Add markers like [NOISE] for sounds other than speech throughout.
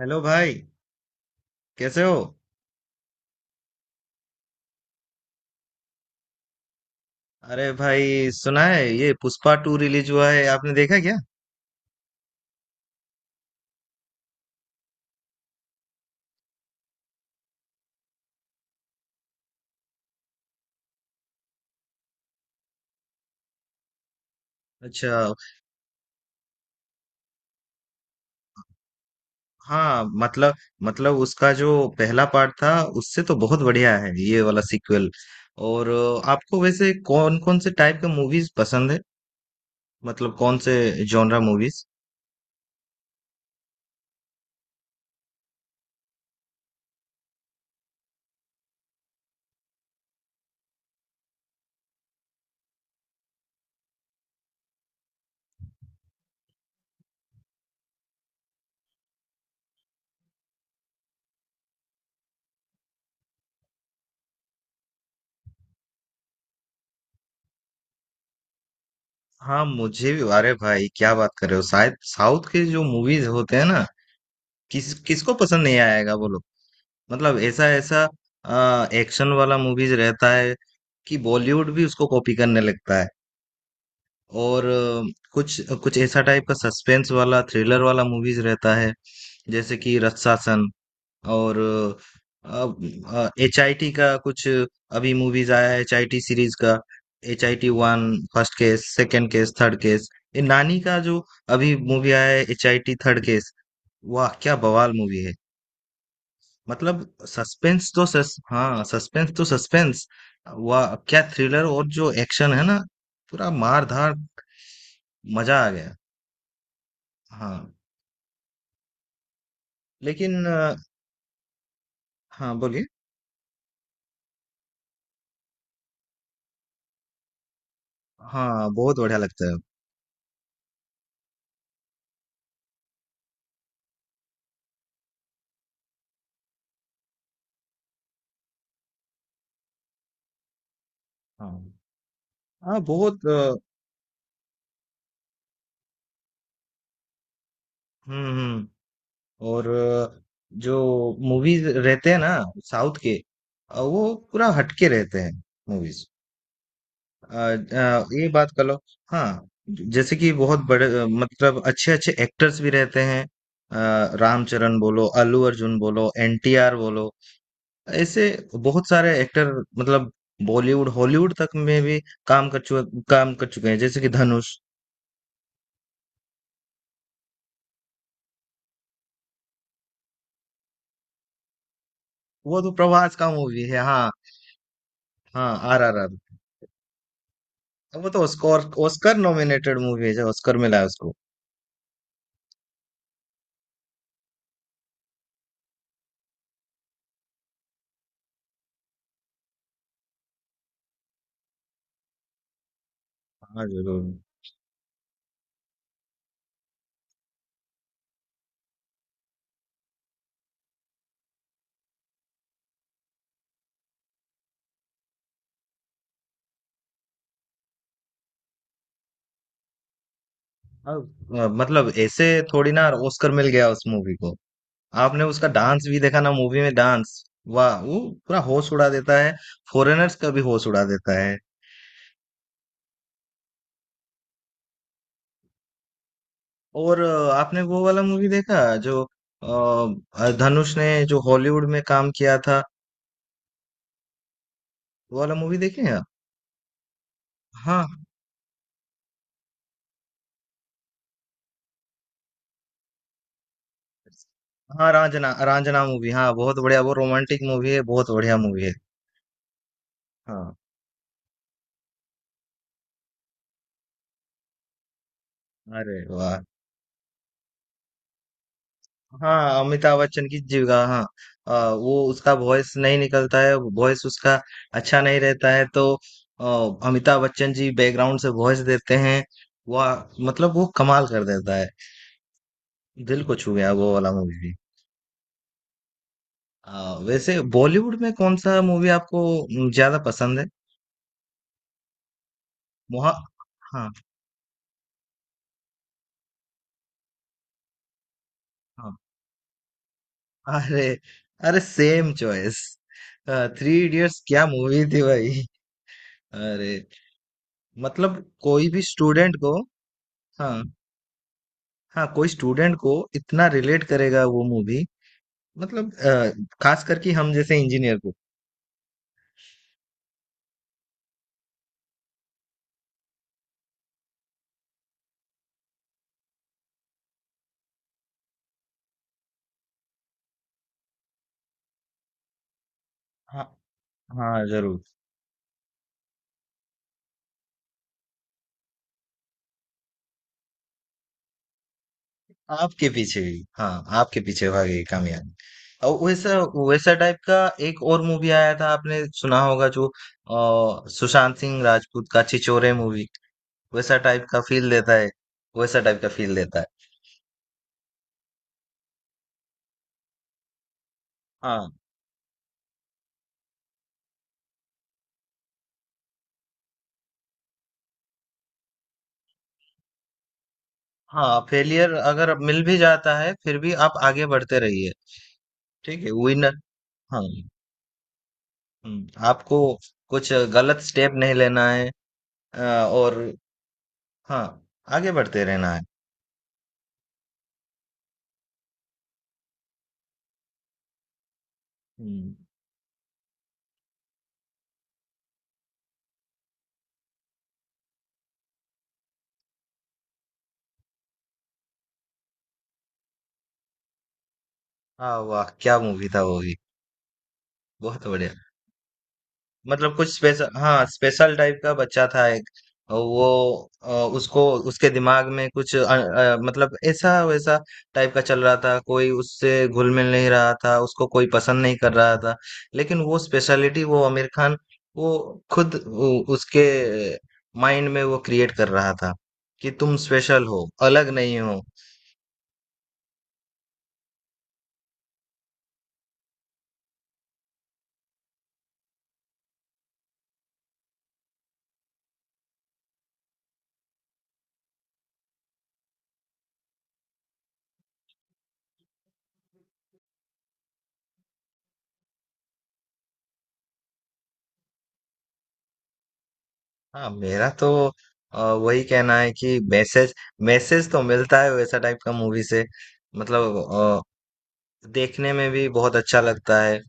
Hello भाई, कैसे हो? अरे भाई, सुना है ये पुष्पा टू रिलीज हुआ है, आपने देखा क्या? अच्छा। हाँ, मतलब उसका जो पहला पार्ट था, उससे तो बहुत बढ़िया है ये वाला सीक्वल। और आपको वैसे कौन कौन से टाइप के मूवीज पसंद है? मतलब कौन से जॉनरा मूवीज? हाँ, मुझे भी। अरे भाई, क्या बात कर रहे हो! शायद साउथ के जो मूवीज होते हैं ना, किस किसको पसंद नहीं आएगा बोलो। मतलब ऐसा ऐसा एक्शन वाला मूवीज रहता है कि बॉलीवुड भी उसको कॉपी करने लगता है। और कुछ कुछ ऐसा टाइप का सस्पेंस वाला थ्रिलर वाला मूवीज रहता है, जैसे कि रत्सासन। और एच आई टी का कुछ अभी मूवीज आया है, एच आई टी सीरीज का, H I T one, first case, second case, third case. ये नानी का जो अभी मूवी आया है, H I T third case, वाह क्या बवाल मूवी है! मतलब, सस्पेंस तो सस हाँ, सस्पेंस तो सस्पेंस। वह क्या थ्रिलर, और जो एक्शन है ना, पूरा मार धार, मजा आ गया। हाँ, लेकिन हाँ बोलिए। हाँ, बहुत बढ़िया लगता है। हाँ, हाँ, बहुत हम्म, हम्म। और जो मूवीज रहते हैं ना साउथ के, वो पूरा हटके रहते हैं मूवीज। ये बात कर लो। हाँ, जैसे कि बहुत बड़े मतलब अच्छे अच्छे एक्टर्स भी रहते हैं। रामचरण बोलो, अल्लू अर्जुन बोलो, एनटीआर बोलो। ऐसे बहुत सारे एक्टर, मतलब बॉलीवुड हॉलीवुड तक में भी काम कर चुके हैं, जैसे कि धनुष। वो तो प्रभास का मूवी है, हाँ। हाँ, आर आर आर। वो तो ऑस्कर ऑस्कर नॉमिनेटेड मूवी है, जो ऑस्कर मिला है उसको। हाँ जरूर। अब, मतलब ऐसे थोड़ी ना ऑस्कर मिल गया उस मूवी को। आपने उसका डांस भी देखा ना, मूवी में डांस? वाह वो, पूरा होश उड़ा देता है, फॉरेनर्स का भी होश उड़ा देता है। और आपने वो वाला मूवी देखा जो धनुष ने, जो हॉलीवुड में काम किया था, वो वाला मूवी देखे हैं आप? हाँ, हाँ, रांझना, रांझना मूवी, हाँ बहुत बढ़िया, वो रोमांटिक मूवी है, बहुत बढ़िया मूवी है। हाँ, अरे वाह! हाँ, अमिताभ बच्चन की जीविका, हाँ। हाँ, वो उसका वॉइस नहीं निकलता है, वॉइस उसका अच्छा नहीं रहता है तो, अमिताभ बच्चन जी बैकग्राउंड से वॉइस देते हैं। वह, मतलब वो कमाल कर देता है। दिल को छू गया वो वाला मूवी भी। वैसे बॉलीवुड में कौन सा मूवी आपको ज्यादा पसंद है? वहाँ, हाँ, हाँ। अरे, अरे, सेम चॉइस! थ्री इडियट्स क्या मूवी थी भाई! अरे, मतलब कोई भी स्टूडेंट को, हाँ, हाँ, कोई स्टूडेंट को इतना रिलेट करेगा वो मूवी। मतलब खास करके हम जैसे इंजीनियर को। हाँ, हाँ जरूर। आपके पीछे गई हाँ, आपके पीछे भागेगी कामयाबी। और वैसा, वैसा टाइप का एक और मूवी आया था, आपने सुना होगा, जो सुशांत सिंह राजपूत का छिछोरे मूवी। वैसा टाइप का फील देता है, वैसा टाइप का फील देता है। हाँ, हाँ, फेलियर अगर मिल भी जाता है, फिर भी आप आगे बढ़ते रहिए। ठीक है विनर, हाँ, आपको कुछ गलत स्टेप नहीं लेना है, अ, और हाँ, आगे बढ़ते रहना है। हुँ, हाँ, वाह! क्या मूवी था वो भी, बहुत बढ़िया! मतलब कुछ स्पेशल, हाँ, स्पेशल टाइप का बच्चा था एक। वो अ, उसको, उसके दिमाग में कुछ मतलब ऐसा वैसा टाइप का चल रहा था, कोई उससे घुल मिल नहीं रहा था, उसको कोई पसंद नहीं कर रहा था। लेकिन वो स्पेशलिटी, वो आमिर खान, वो खुद वो उसके माइंड में वो क्रिएट कर रहा था कि तुम स्पेशल हो, अलग नहीं हो। हाँ, मेरा तो वही कहना है कि मैसेज मैसेज तो मिलता है वैसा टाइप का मूवी से। मतलब देखने में भी बहुत अच्छा लगता है।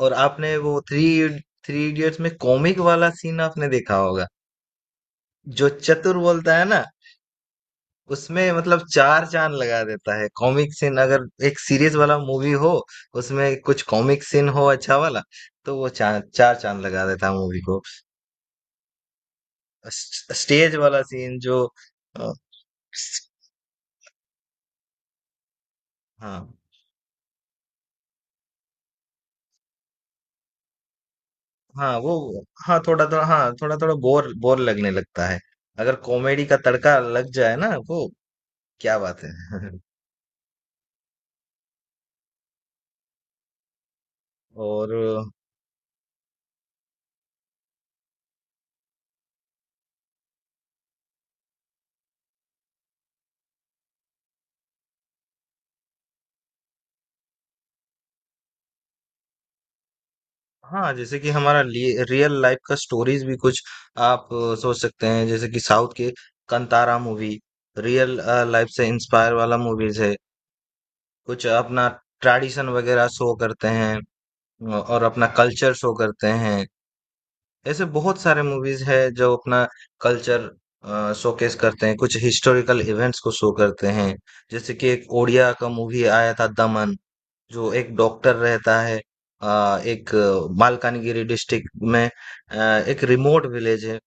और आपने वो थ्री थ्री इडियट्स में कॉमिक वाला सीन आपने देखा होगा, जो चतुर बोलता है ना। उसमें मतलब चार चांद लगा देता है कॉमिक सीन। अगर एक सीरियस वाला मूवी हो, उसमें कुछ कॉमिक सीन हो अच्छा वाला, तो वो चार चार चांद लगा देता है मूवी को। स्टेज वाला सीन जो अ, हाँ, हाँ, वो, हाँ थोड़ा थोड़ा, हाँ थोड़ा थोड़ा बोर बोर लगने लगता है। अगर कॉमेडी का तड़का लग जाए ना वो, क्या बात है! [LAUGHS] और, हाँ, जैसे कि हमारा रियल लाइफ का स्टोरीज भी कुछ आप सोच सकते हैं। जैसे कि साउथ के कंतारा मूवी, रियल लाइफ से इंस्पायर वाला मूवीज है। कुछ अपना ट्रेडिशन वगैरह शो करते हैं, और अपना कल्चर शो करते हैं। ऐसे बहुत सारे मूवीज है जो अपना कल्चर शोकेस करते हैं, कुछ हिस्टोरिकल इवेंट्स को शो करते हैं। जैसे कि एक ओडिया का मूवी आया था, दमन, जो एक डॉक्टर रहता है, एक मालकानगिरी डिस्ट्रिक्ट में, एक रिमोट विलेज है,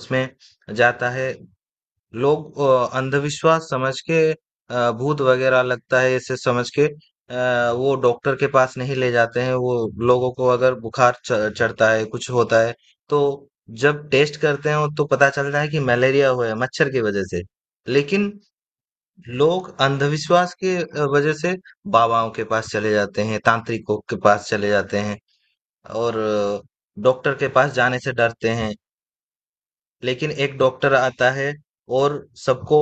उसमें जाता है। लोग अंधविश्वास समझ के, भूत वगैरह लगता है इसे समझ के, वो डॉक्टर के पास नहीं ले जाते हैं। वो लोगों को अगर बुखार चढ़ता है, कुछ होता है, तो जब टेस्ट करते हैं तो पता चलता है कि मलेरिया हुआ है, मच्छर की वजह से। लेकिन लोग अंधविश्वास के वजह से बाबाओं के पास चले जाते हैं, तांत्रिकों के पास चले जाते हैं। और डॉक्टर के पास जाने से डरते हैं। लेकिन एक डॉक्टर आता है और सबको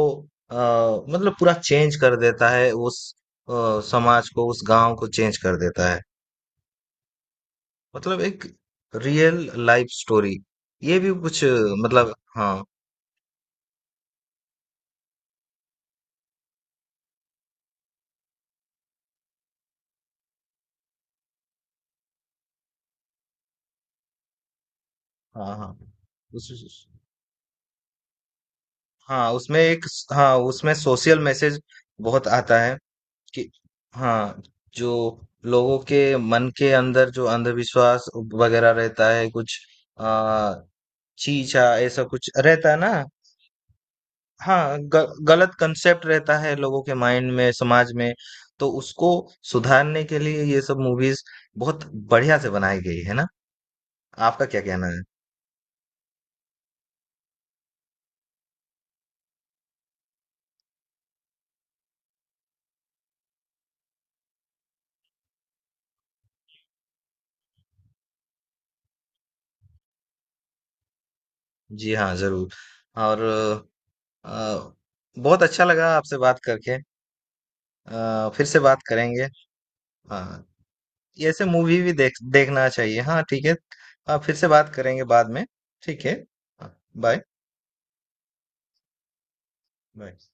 अ, मतलब पूरा चेंज कर देता है उस अ, समाज को, उस गाँव को चेंज कर देता है। मतलब एक रियल लाइफ स्टोरी। ये भी कुछ मतलब हाँ, हाँ, हाँ। उस हाँ, उसमें एक स हाँ, उसमें सोशल मैसेज बहुत आता है। कि हाँ, जो लोगों के मन के अंदर जो अंधविश्वास वगैरह रहता है कुछ आ, चीचा ऐसा कुछ रहता है ना। हाँ, गलत कंसेप्ट रहता है लोगों के माइंड में, समाज में। तो उसको सुधारने के लिए ये सब मूवीज बहुत बढ़िया से बनाई गई है ना, आपका क्या कहना है? जी हाँ जरूर। और आ, बहुत अच्छा लगा आपसे बात करके, फिर से बात करेंगे। हाँ, ऐसे मूवी भी देखना चाहिए, हाँ, ठीक है। आप फिर से बात करेंगे बाद में, ठीक है। Bye, bye.